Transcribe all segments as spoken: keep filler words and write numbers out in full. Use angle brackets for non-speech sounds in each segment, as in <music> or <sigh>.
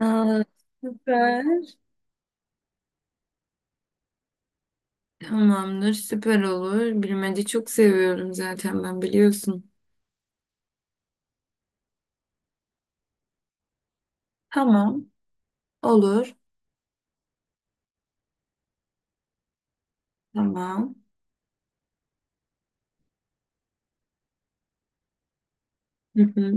Aa, süper. Tamamdır, süper olur. Bilmece çok seviyorum zaten ben biliyorsun. Tamam, olur. Tamam. Hı hı.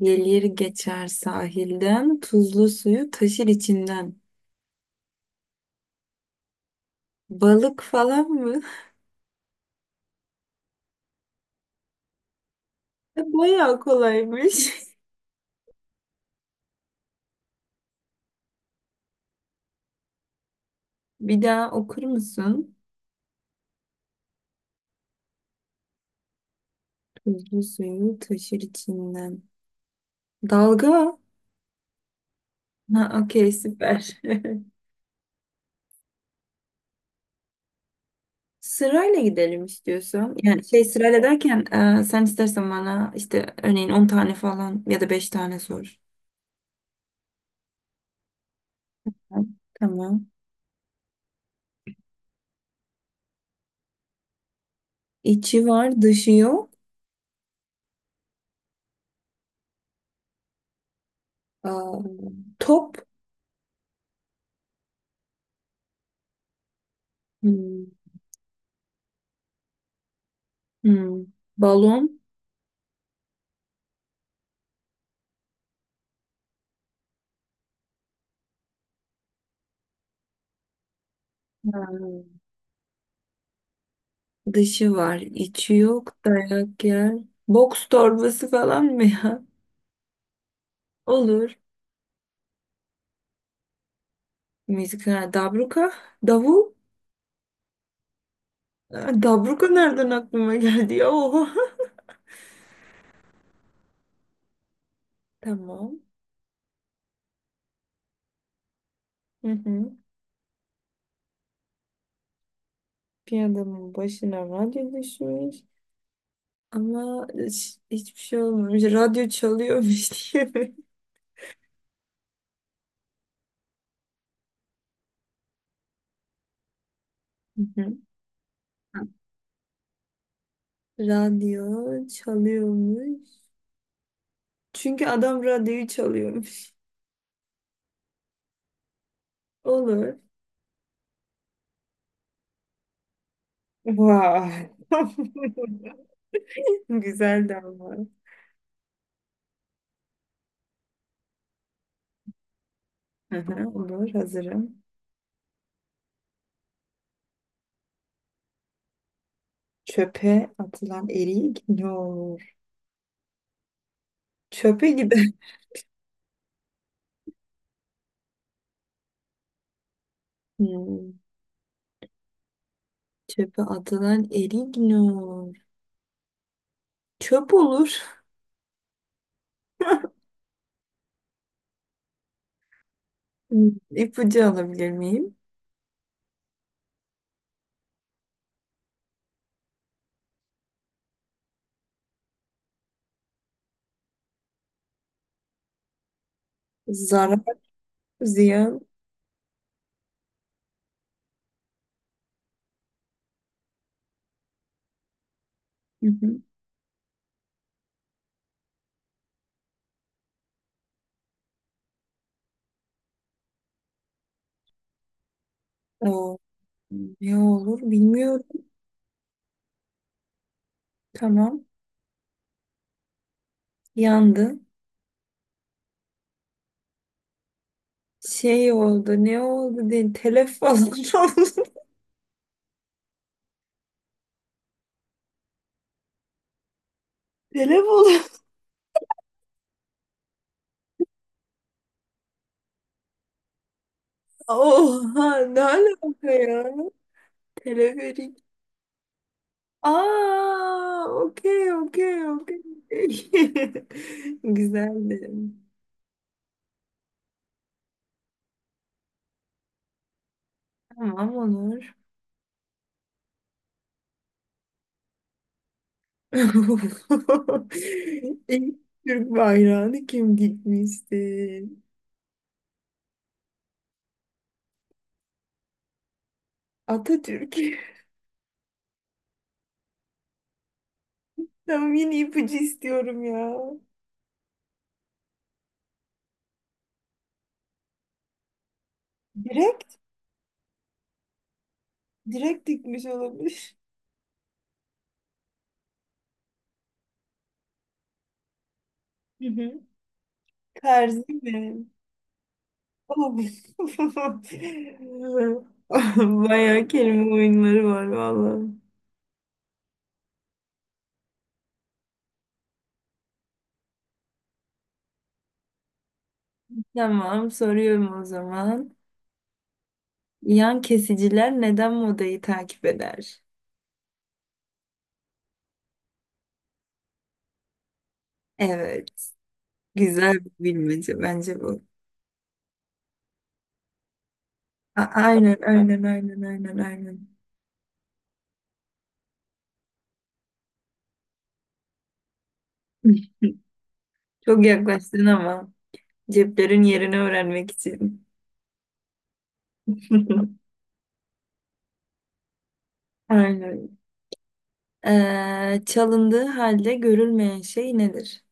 Gelir geçer sahilden, tuzlu suyu taşır içinden. Balık falan mı? <laughs> Bayağı kolaymış. <laughs> Bir daha okur musun? Tuzlu suyu taşır içinden. Dalga. Ha, okey, süper. <laughs> Sırayla gidelim istiyorsan. Yani şey sırayla derken e, sen istersen bana işte örneğin on tane falan ya da beş tane sor. Tamam. İçi var, dışı yok. Aa, top. Hmm. Hmm. Balon. Hmm. Dışı var, içi yok. Dayak yer. Boks torbası falan mı ya? <laughs> Olur. Müzik. Ha, Dabruka. Davul. Aa, Dabruka nereden aklıma geldi ya? Oha. <laughs> Tamam. Hı hı. Bir adamın başına radyo düşmüş ama hiç- hiçbir şey olmamış. Radyo çalıyormuş <laughs> diye. Hı hı. Radyo çalıyormuş. Çünkü adam radyoyu çalıyormuş. Olur. Vay. <laughs> Güzel de ama. Hı hı, olur hazırım. Çöpe atılan erik ne olur? Çöpe gider. <laughs> Hmm, çöpe atılan erik ne olur? Çöp olur. Hmm, İpucu alabilir miyim? Zarar. Ziya. Hı hı. O, ne olur bilmiyorum. Tamam. Yandı. Şey oldu. Ne oldu? De, telef falan <laughs> oldu. Telef oldu. Oha ne alaka ya? Teleferik. Aa, okey okey okey. <laughs> Güzeldi. Tamam Onur. <laughs> İlk Türk bayrağını kim dikmişti? Atatürk. <laughs> Tamam yine ipucu istiyorum ya. Direkt, direkt dikmiş olabilir. Hı hı. Terzi mi? Oh. <laughs> Bayağı kelime oyunları var vallahi. Tamam, soruyorum o zaman. Yan kesiciler neden modayı takip eder? Evet, güzel bir bilmece bence bu. A- aynen, aynen, aynen, aynen, aynen. <laughs> Çok yaklaştın ama ceplerin yerini öğrenmek için. <laughs> Aynen. Ee, çalındığı halde görülmeyen şey nedir?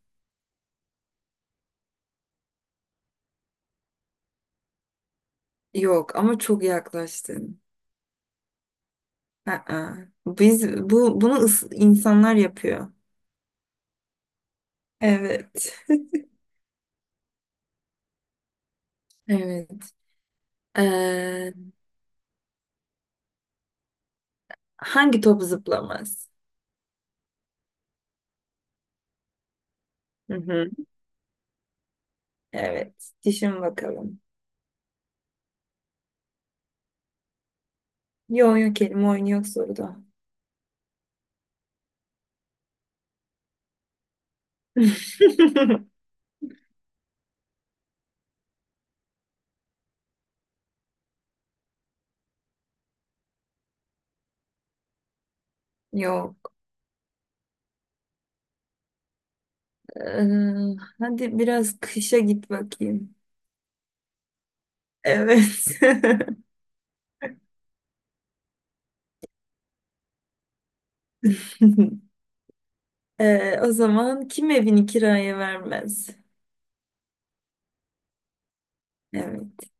Yok ama çok yaklaştın. Aa, biz bu bunu ıs- insanlar yapıyor. Evet. <laughs> Evet. Ee, hangi top zıplamaz? Hı hı. Evet. Düşün bakalım. Yok yok kelime oyunu yok soruda. <laughs> Yok. Ee, hadi biraz kışa git bakayım. Evet. <laughs> Ee, o zaman kim evini kiraya vermez? Evet.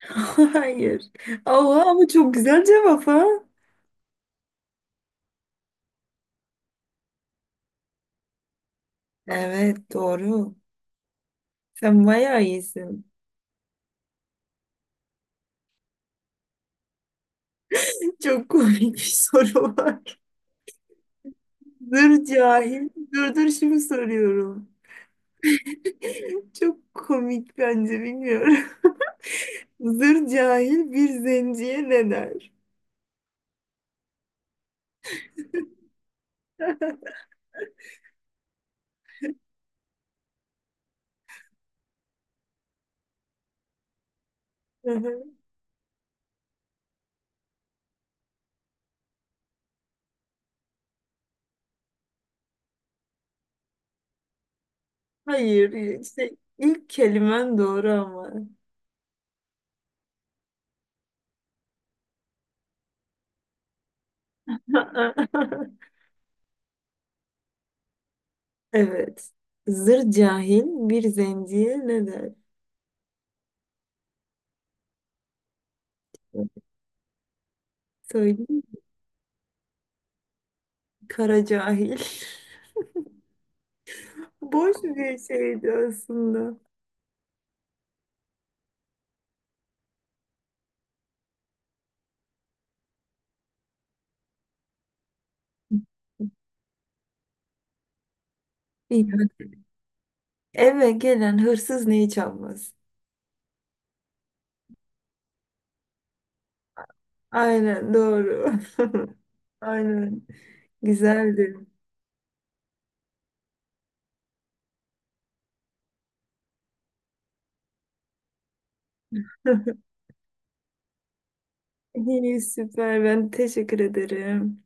<laughs> Hayır. Allah ama çok güzel cevap ha. Evet doğru. Sen bayağı iyisin. Çok komik bir soru var. Dur cahil. Dur dur şimdi soruyorum. Çok komik bence bilmiyorum. <laughs> Zır cahil bir zenciye ne der? Hı hı. Hayır işte ilk kelimen doğru ama. <laughs> Evet. Zır cahil bir zenciye ne der? Söyleyeyim. Kara cahil. <laughs> Boş bir şeydi aslında. İyi. Eve gelen hırsız neyi çalmaz? Aynen doğru. <laughs> Aynen. Güzeldi. <laughs> İyi süper. Ben teşekkür ederim.